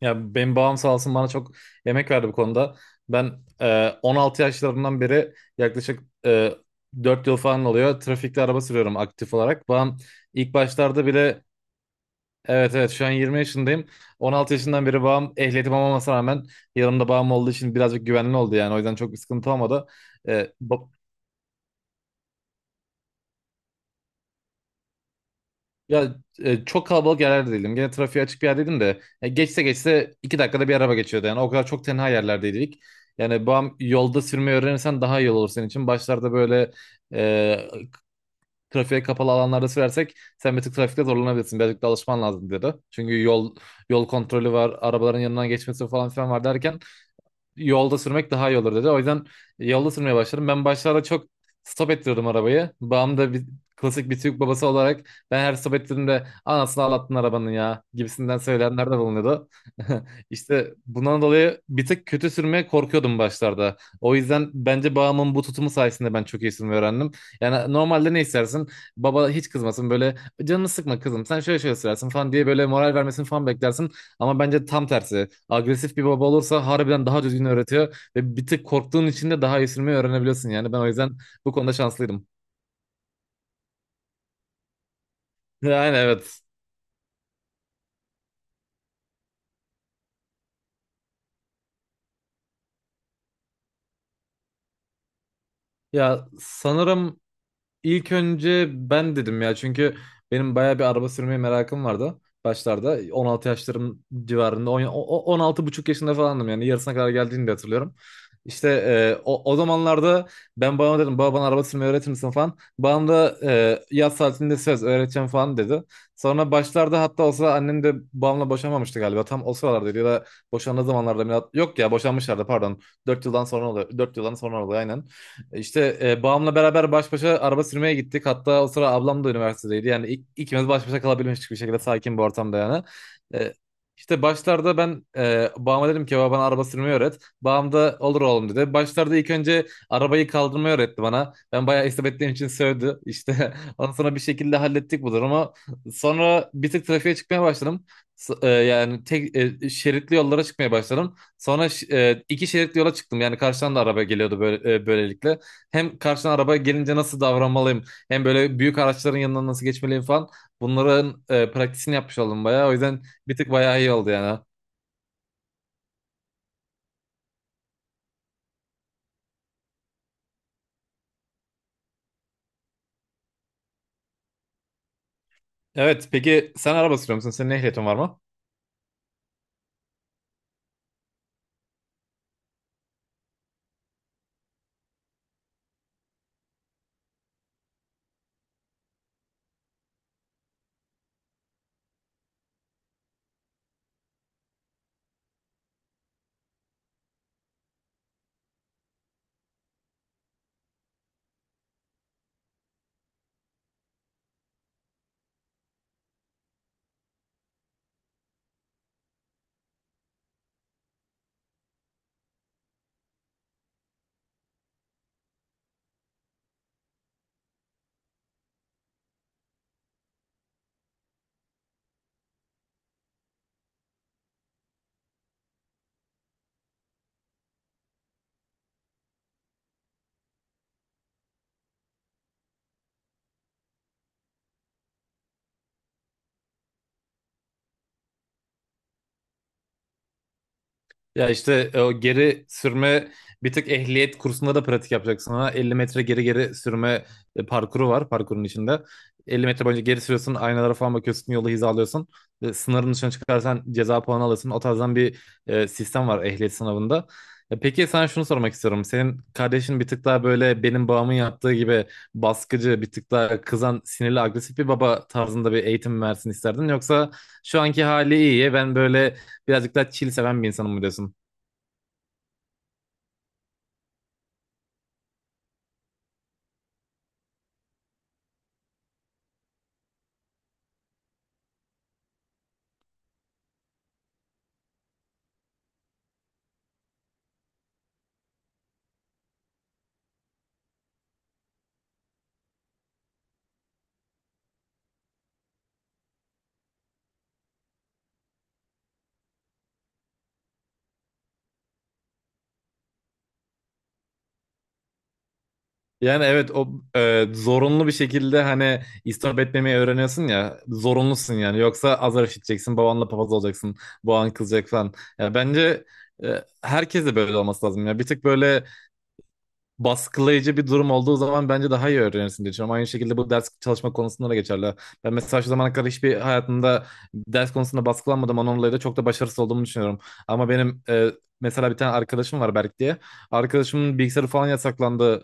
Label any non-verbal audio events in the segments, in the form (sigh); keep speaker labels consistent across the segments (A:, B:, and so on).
A: Ya benim babam sağ olsun bana çok emek verdi bu konuda. Ben 16 yaşlarından beri yaklaşık 4 yıl falan oluyor. Trafikte araba sürüyorum aktif olarak. Babam ilk başlarda bile. Evet, evet, şu an 20 yaşındayım. 16 yaşından beri babam ehliyetim olmamasına rağmen yanımda babam olduğu için birazcık güvenli oldu yani. O yüzden çok bir sıkıntı olmadı. E, ba- Ya, çok kalabalık yerlerde değilim. Gene trafiğe açık bir yerdeydim de. Geçse geçse 2 dakikada bir araba geçiyordu. Yani o kadar çok tenha yerlerdeydik. Yani bu yolda sürmeyi öğrenirsen daha iyi olur senin için. Başlarda böyle e, trafiğe kapalı alanlarda sürersek sen bir tık trafikte zorlanabilirsin. Birazcık da alışman lazım dedi. Çünkü yol kontrolü var, arabaların yanından geçmesi falan filan var derken yolda sürmek daha iyi olur dedi. O yüzden yolda sürmeye başladım. Ben başlarda çok stop ettirdim arabayı. Babam da klasik bir Türk babası olarak ben her stop ettiğimde anasını ağlattın arabanın ya gibisinden söyleyenler de bulunuyordu. (laughs) İşte bundan dolayı bir tık kötü sürmeye korkuyordum başlarda. O yüzden bence babamın bu tutumu sayesinde ben çok iyi sürmeyi öğrendim. Yani normalde ne istersin? Baba hiç kızmasın, böyle canını sıkma kızım, sen şöyle şöyle sürersin falan diye böyle moral vermesini falan beklersin. Ama bence tam tersi. Agresif bir baba olursa harbiden daha düzgün öğretiyor ve bir tık korktuğun için de daha esirmeyi öğrenebiliyorsun. Yani ben o yüzden bu konuda şanslıydım. Yani evet. Ya sanırım İlk önce ben dedim ya, çünkü benim bayağı bir araba sürmeye merakım vardı başlarda. 16 yaşlarım civarında, 10 16 buçuk yaşında falandım, yani yarısına kadar geldiğini de hatırlıyorum. İşte o zamanlarda ben babama dedim, baba bana araba sürmeyi öğretir misin falan. Babam da yaz tatilinde söz öğreteceğim falan dedi. Sonra başlarda hatta olsa annem de babamla boşanmamıştı galiba. Tam o sıralardaydı, ya da boşandığı zamanlarda. Yok ya, boşanmışlardı pardon. 4 yıldan sonra oluyor. 4 yıldan sonra oluyor, aynen. İşte babamla beraber baş başa araba sürmeye gittik. Hatta o sıra ablam da üniversitedeydi. Yani ikimiz baş başa kalabilmiştik bir şekilde, sakin bir ortamda yani. E, işte başlarda ben babama dedim ki, baba bana araba sürmeyi öğret. Babam da olur oğlum dedi. Başlarda ilk önce arabayı kaldırmayı öğretti bana. Ben bayağı istep ettiğim için sövdü. İşte (laughs) ondan sonra bir şekilde hallettik bu durumu. Sonra bir tık trafiğe çıkmaya başladım. Yani tek şeritli yollara çıkmaya başladım. Sonra iki şeritli yola çıktım. Yani karşıdan da araba geliyordu böyle, böylelikle hem karşına araba gelince nasıl davranmalıyım, hem böyle büyük araçların yanından nasıl geçmeliyim falan, bunların praktisini yapmış oldum bayağı. O yüzden bir tık bayağı iyi oldu yani. Evet, peki sen araba sürüyor musun? Senin ehliyetin var mı? Ya işte o geri sürme, bir tık ehliyet kursunda da pratik yapacaksın. Ha. 50 metre geri geri sürme parkuru var parkurun içinde. 50 metre boyunca geri sürüyorsun, aynalara falan bakıyorsun, yolu hizalıyorsun. Sınırın dışına çıkarsan ceza puanı alırsın. O tarzdan bir sistem var ehliyet sınavında. Peki sana şunu sormak istiyorum. Senin kardeşin bir tık daha böyle benim babamın yaptığı gibi baskıcı, bir tık daha kızan, sinirli, agresif bir baba tarzında bir eğitim mi versin isterdin? Yoksa şu anki hali iyi, ben böyle birazcık daha chill seven bir insanım mı? Yani evet, o zorunlu bir şekilde hani istop etmemeyi öğreniyorsun ya, zorunlusun yani, yoksa azar işiteceksin, babanla papaz olacaksın, baban kızacak falan. Ya bence e, herkese böyle olması lazım ya, bir tık böyle baskılayıcı bir durum olduğu zaman bence daha iyi öğrenirsin diye düşünüyorum. Aynı şekilde bu ders çalışma konusunda da geçerli. Ben mesela şu zamana kadar hiçbir hayatımda ders konusunda baskılanmadım. Onunla dolayı da çok da başarısız olduğumu düşünüyorum. Ama benim mesela bir tane arkadaşım var, Berk diye. Arkadaşımın bilgisayarı falan yasaklandı.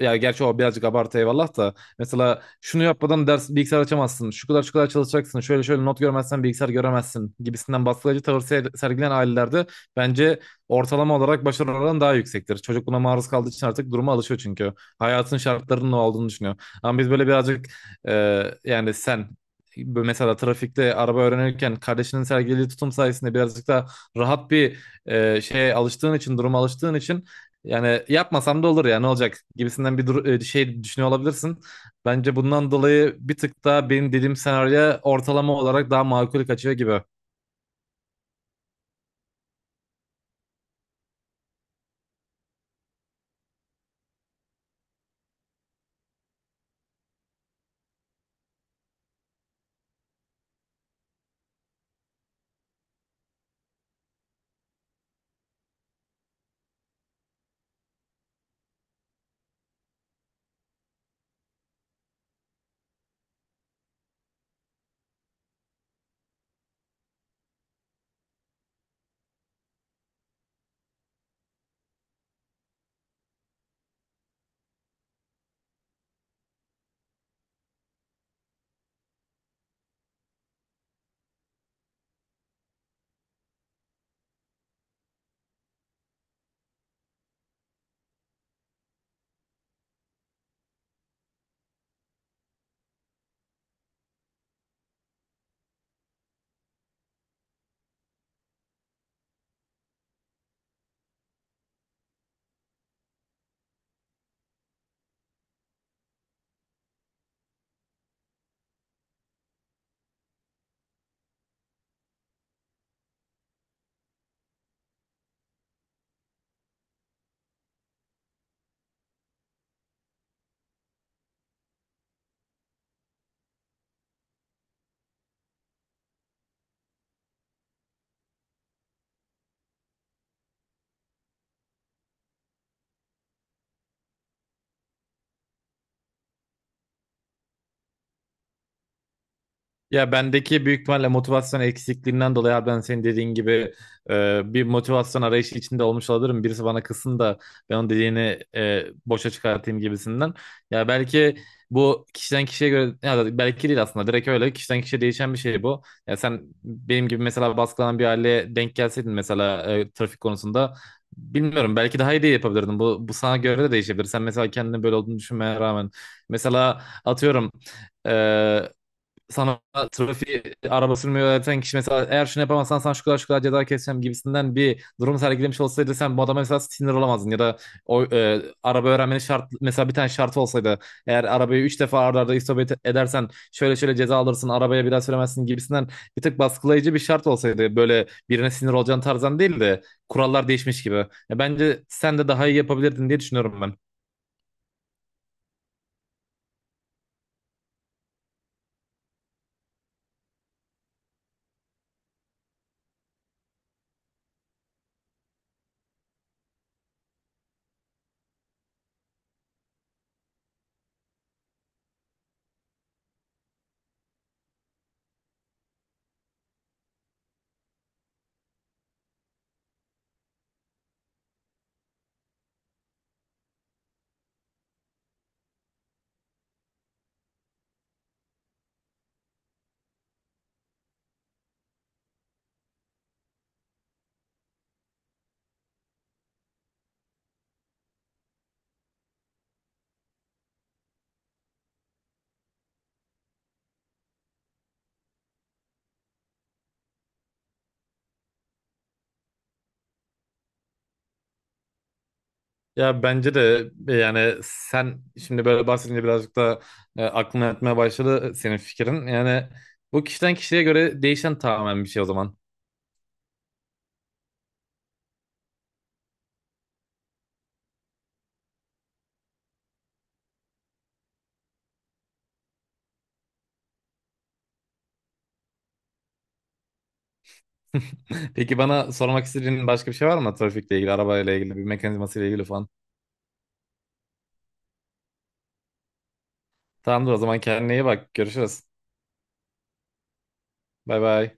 A: Ya gerçi o birazcık abartı, eyvallah da. Mesela şunu yapmadan ders bilgisayar açamazsın. Şu kadar şu kadar çalışacaksın. Şöyle şöyle not görmezsen bilgisayar göremezsin gibisinden baskılayıcı tavır sergileyen ailelerde bence ortalama olarak başarı oranı daha yüksektir. Çocuk buna maruz kaldığı için artık duruma alışıyor çünkü. Hayatın şartlarının ne olduğunu düşünüyor. Ama biz böyle birazcık e, yani sen mesela trafikte araba öğrenirken kardeşinin sergilediği tutum sayesinde birazcık daha rahat bir şeye alıştığın için, duruma alıştığın için, yani yapmasam da olur ya, ne olacak gibisinden bir şey düşünüyor olabilirsin. Bence bundan dolayı bir tık daha benim dediğim senaryo ortalama olarak daha makul kaçıyor gibi. Ya bendeki büyük ihtimalle motivasyon eksikliğinden dolayı abi, ben senin dediğin gibi bir motivasyon arayışı içinde olmuş olabilirim. Birisi bana kızsın da ben onun dediğini boşa çıkartayım gibisinden. Ya belki bu kişiden kişiye göre, ya da belki değil, aslında direkt öyle kişiden kişiye değişen bir şey bu. Ya sen benim gibi mesela baskılanan bir aileye denk gelseydin, mesela trafik konusunda, bilmiyorum, belki daha iyi de yapabilirdin. Bu sana göre de değişebilir. Sen mesela kendini böyle olduğunu düşünmeye rağmen, mesela atıyorum, e, sana trafiği araba sürmeyi öğreten kişi mesela eğer şunu yapamazsan sana şu kadar şu kadar ceza keseceğim gibisinden bir durum sergilemiş olsaydı, sen bu adama mesela sinir olamazdın, ya da o araba öğrenmenin şart, mesela bir tane şartı olsaydı, eğer arabayı 3 defa arda arda edersen şöyle şöyle ceza alırsın, arabaya bir daha süremezsin gibisinden bir tık baskılayıcı bir şart olsaydı, böyle birine sinir olacağın tarzdan değil de kurallar değişmiş gibi. Ya bence sen de daha iyi yapabilirdin diye düşünüyorum ben. Ya bence de yani sen şimdi böyle bahsedince birazcık da aklıma yatmaya başladı senin fikrin. Yani bu kişiden kişiye göre değişen tamamen bir şey o zaman. Peki bana sormak istediğin başka bir şey var mı, trafikle ilgili, arabayla ilgili, bir mekanizmasıyla ilgili falan? Tamamdır, o zaman kendine iyi bak. Görüşürüz. Bay bay.